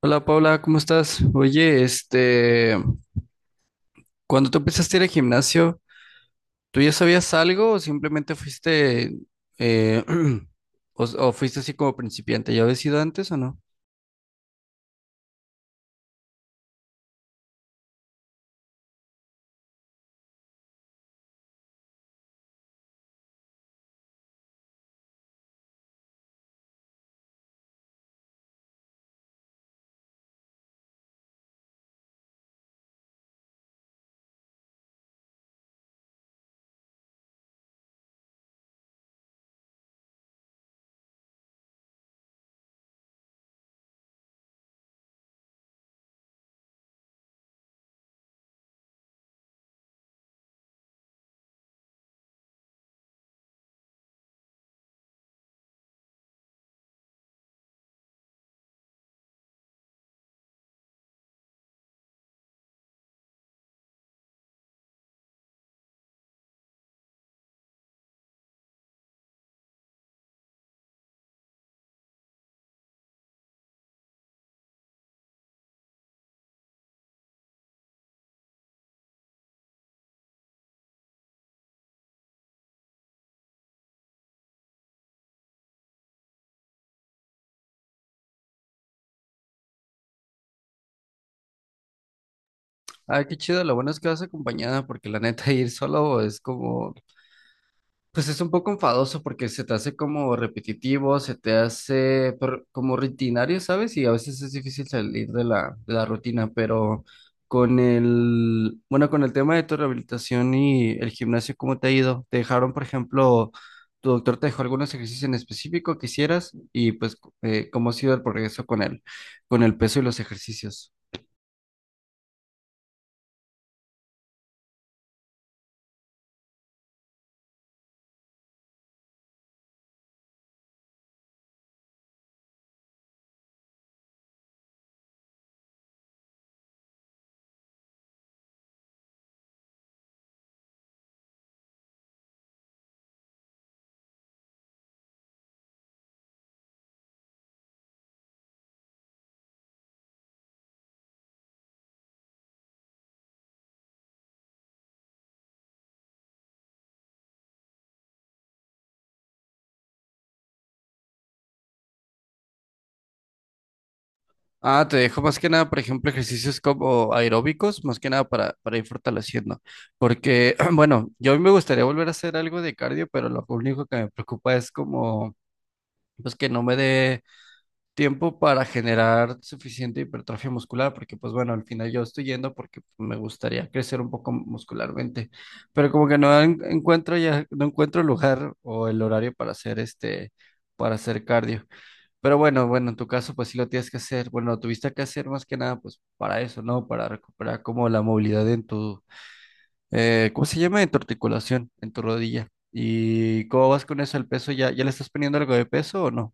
Hola Paula, ¿cómo estás? Oye, este, cuando tú empezaste a ir al gimnasio, ¿tú ya sabías algo o simplemente fuiste, eh, o fuiste así como principiante? ¿Ya habías ido antes o no? Ay, qué chido, lo bueno es que vas acompañada porque la neta ir solo es como, pues es un poco enfadoso porque se te hace como repetitivo, se te hace como rutinario, ¿sabes? Y a veces es difícil salir de la rutina, pero con bueno, con el tema de tu rehabilitación y el gimnasio, ¿cómo te ha ido? ¿Te dejaron, por ejemplo, tu doctor te dejó algunos ejercicios en específico que hicieras? Y pues, ¿cómo ha sido el progreso con con el peso y los ejercicios? Ah, te dejo más que nada, por ejemplo, ejercicios como aeróbicos, más que nada para ir fortaleciendo. Porque, bueno, yo a mí me gustaría volver a hacer algo de cardio, pero lo único que me preocupa es como, pues que no me dé tiempo para generar suficiente hipertrofia muscular, porque pues bueno, al final yo estoy yendo porque me gustaría crecer un poco muscularmente, pero como que encuentro ya, no encuentro el lugar o el horario para hacer para hacer cardio. Bueno, en tu caso pues sí lo tienes que hacer. Bueno, lo tuviste que hacer más que nada pues para eso, ¿no? Para recuperar como la movilidad en tu, ¿cómo se llama? En tu articulación, en tu rodilla. ¿Y cómo vas con eso? ¿El peso ya le estás poniendo algo de peso o no?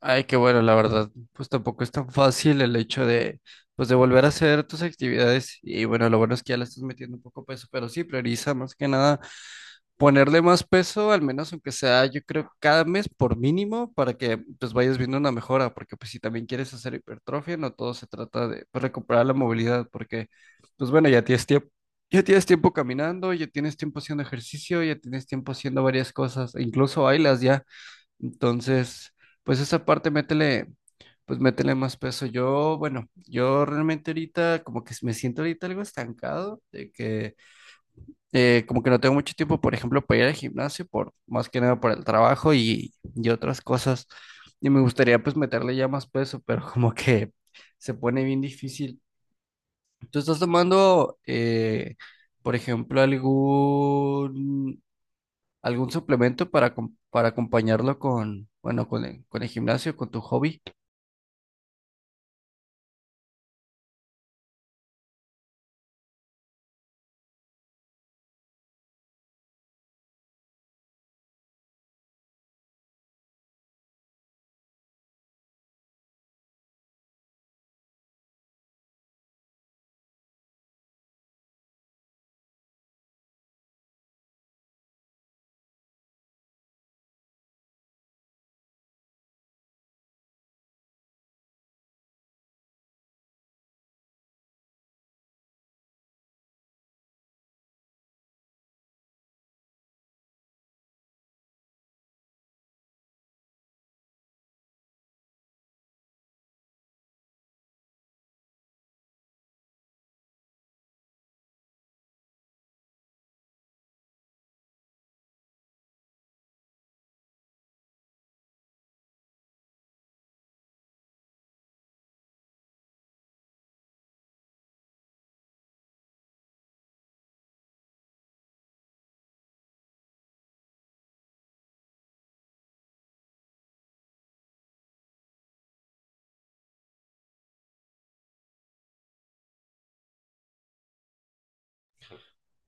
Ay, qué bueno, la verdad, pues tampoco es tan fácil el hecho de, pues de volver a hacer tus actividades. Y bueno, lo bueno es que ya le estás metiendo un poco peso, pero sí, prioriza más que nada ponerle más peso, al menos aunque sea, yo creo, cada mes por mínimo, para que pues vayas viendo una mejora, porque pues si también quieres hacer hipertrofia, no todo se trata de pues, recuperar la movilidad, porque pues bueno, ya tienes tiempo caminando, ya tienes tiempo haciendo ejercicio, ya tienes tiempo haciendo varias cosas, e incluso bailas ya. Entonces, pues esa parte métele, pues métele más peso. Yo realmente ahorita como que me siento ahorita algo estancado, de que como que no tengo mucho tiempo, por ejemplo, para ir al gimnasio, más que nada por el trabajo y otras cosas. Y me gustaría pues meterle ya más peso, pero como que se pone bien difícil. ¿Tú estás tomando, por ejemplo, algún suplemento para, para acompañarlo con, bueno, con con el gimnasio, con tu hobby?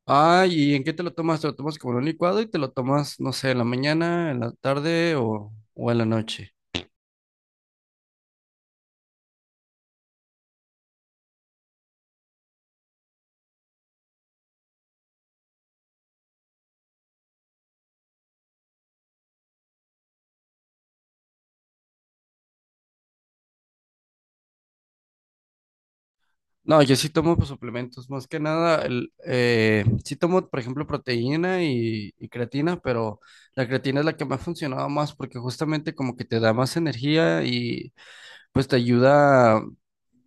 Ah, ¿y en qué te lo tomas? ¿Te lo tomas como en un licuado y te lo tomas, no sé, en la mañana, en la tarde o en la noche? No, yo sí tomo pues, suplementos, más que nada, sí tomo, por ejemplo, proteína y creatina, pero la creatina es la que me ha funcionado más porque justamente como que te da más energía y pues te ayuda,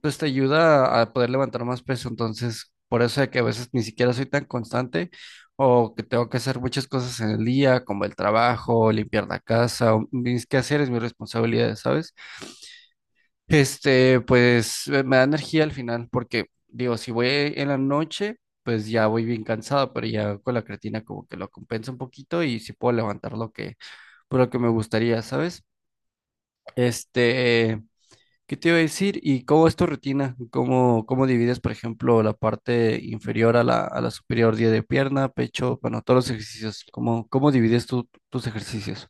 pues te ayuda a poder levantar más peso, entonces por eso de que a veces ni siquiera soy tan constante o que tengo que hacer muchas cosas en el día, como el trabajo, limpiar la casa, o mis quehaceres, mis responsabilidades, ¿sabes? Este, pues me da energía al final, porque digo, si voy en la noche, pues ya voy bien cansado, pero ya con la creatina como que lo compensa un poquito y sí puedo levantar por lo que me gustaría, ¿sabes? Este, ¿qué te iba a decir? ¿Y cómo es tu rutina? ¿Cómo divides, por ejemplo, la parte inferior a a la superior, día de pierna, pecho, bueno, todos los ejercicios? ¿Cómo divides tú tus ejercicios?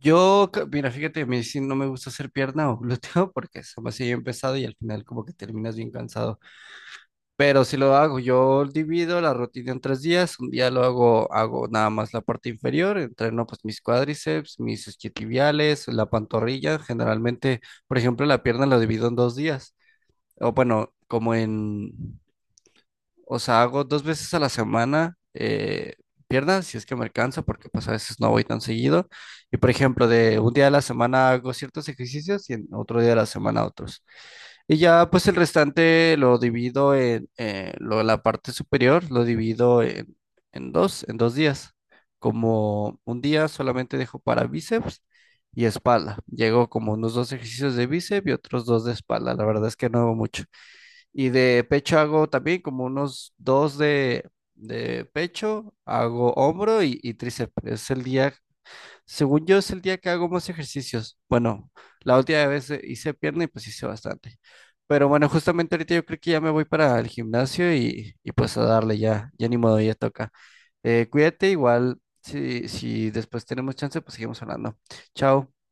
Mira, fíjate, a mí sí no me gusta hacer pierna o glúteo porque es demasiado pesado y al final como que terminas bien cansado. Pero si lo hago, yo divido la rutina en tres días. Un día lo hago, hago nada más la parte inferior, entreno pues mis cuádriceps, mis isquiotibiales, la pantorrilla. Generalmente, por ejemplo, la pierna la divido en dos días. O bueno, como en o sea, hago dos veces a la semana piernas, si es que me alcanza, porque pues a veces no voy tan seguido. Y por ejemplo, de un día de la semana hago ciertos ejercicios y en otro día de la semana otros. Y ya pues el restante lo divido en la parte superior, lo divido en, en dos días. Como un día solamente dejo para bíceps y espalda. Llego como unos dos ejercicios de bíceps y otros dos de espalda. La verdad es que no hago mucho. Y de pecho hago también como unos dos de pecho, hago hombro y tríceps. Es el día, según yo, es el día que hago más ejercicios. Bueno, la última vez hice pierna y pues hice bastante. Pero bueno, justamente ahorita yo creo que ya me voy para el gimnasio y pues a darle ya, ya ni modo, ya toca. Cuídate, igual, si después tenemos chance, pues seguimos hablando. Chao.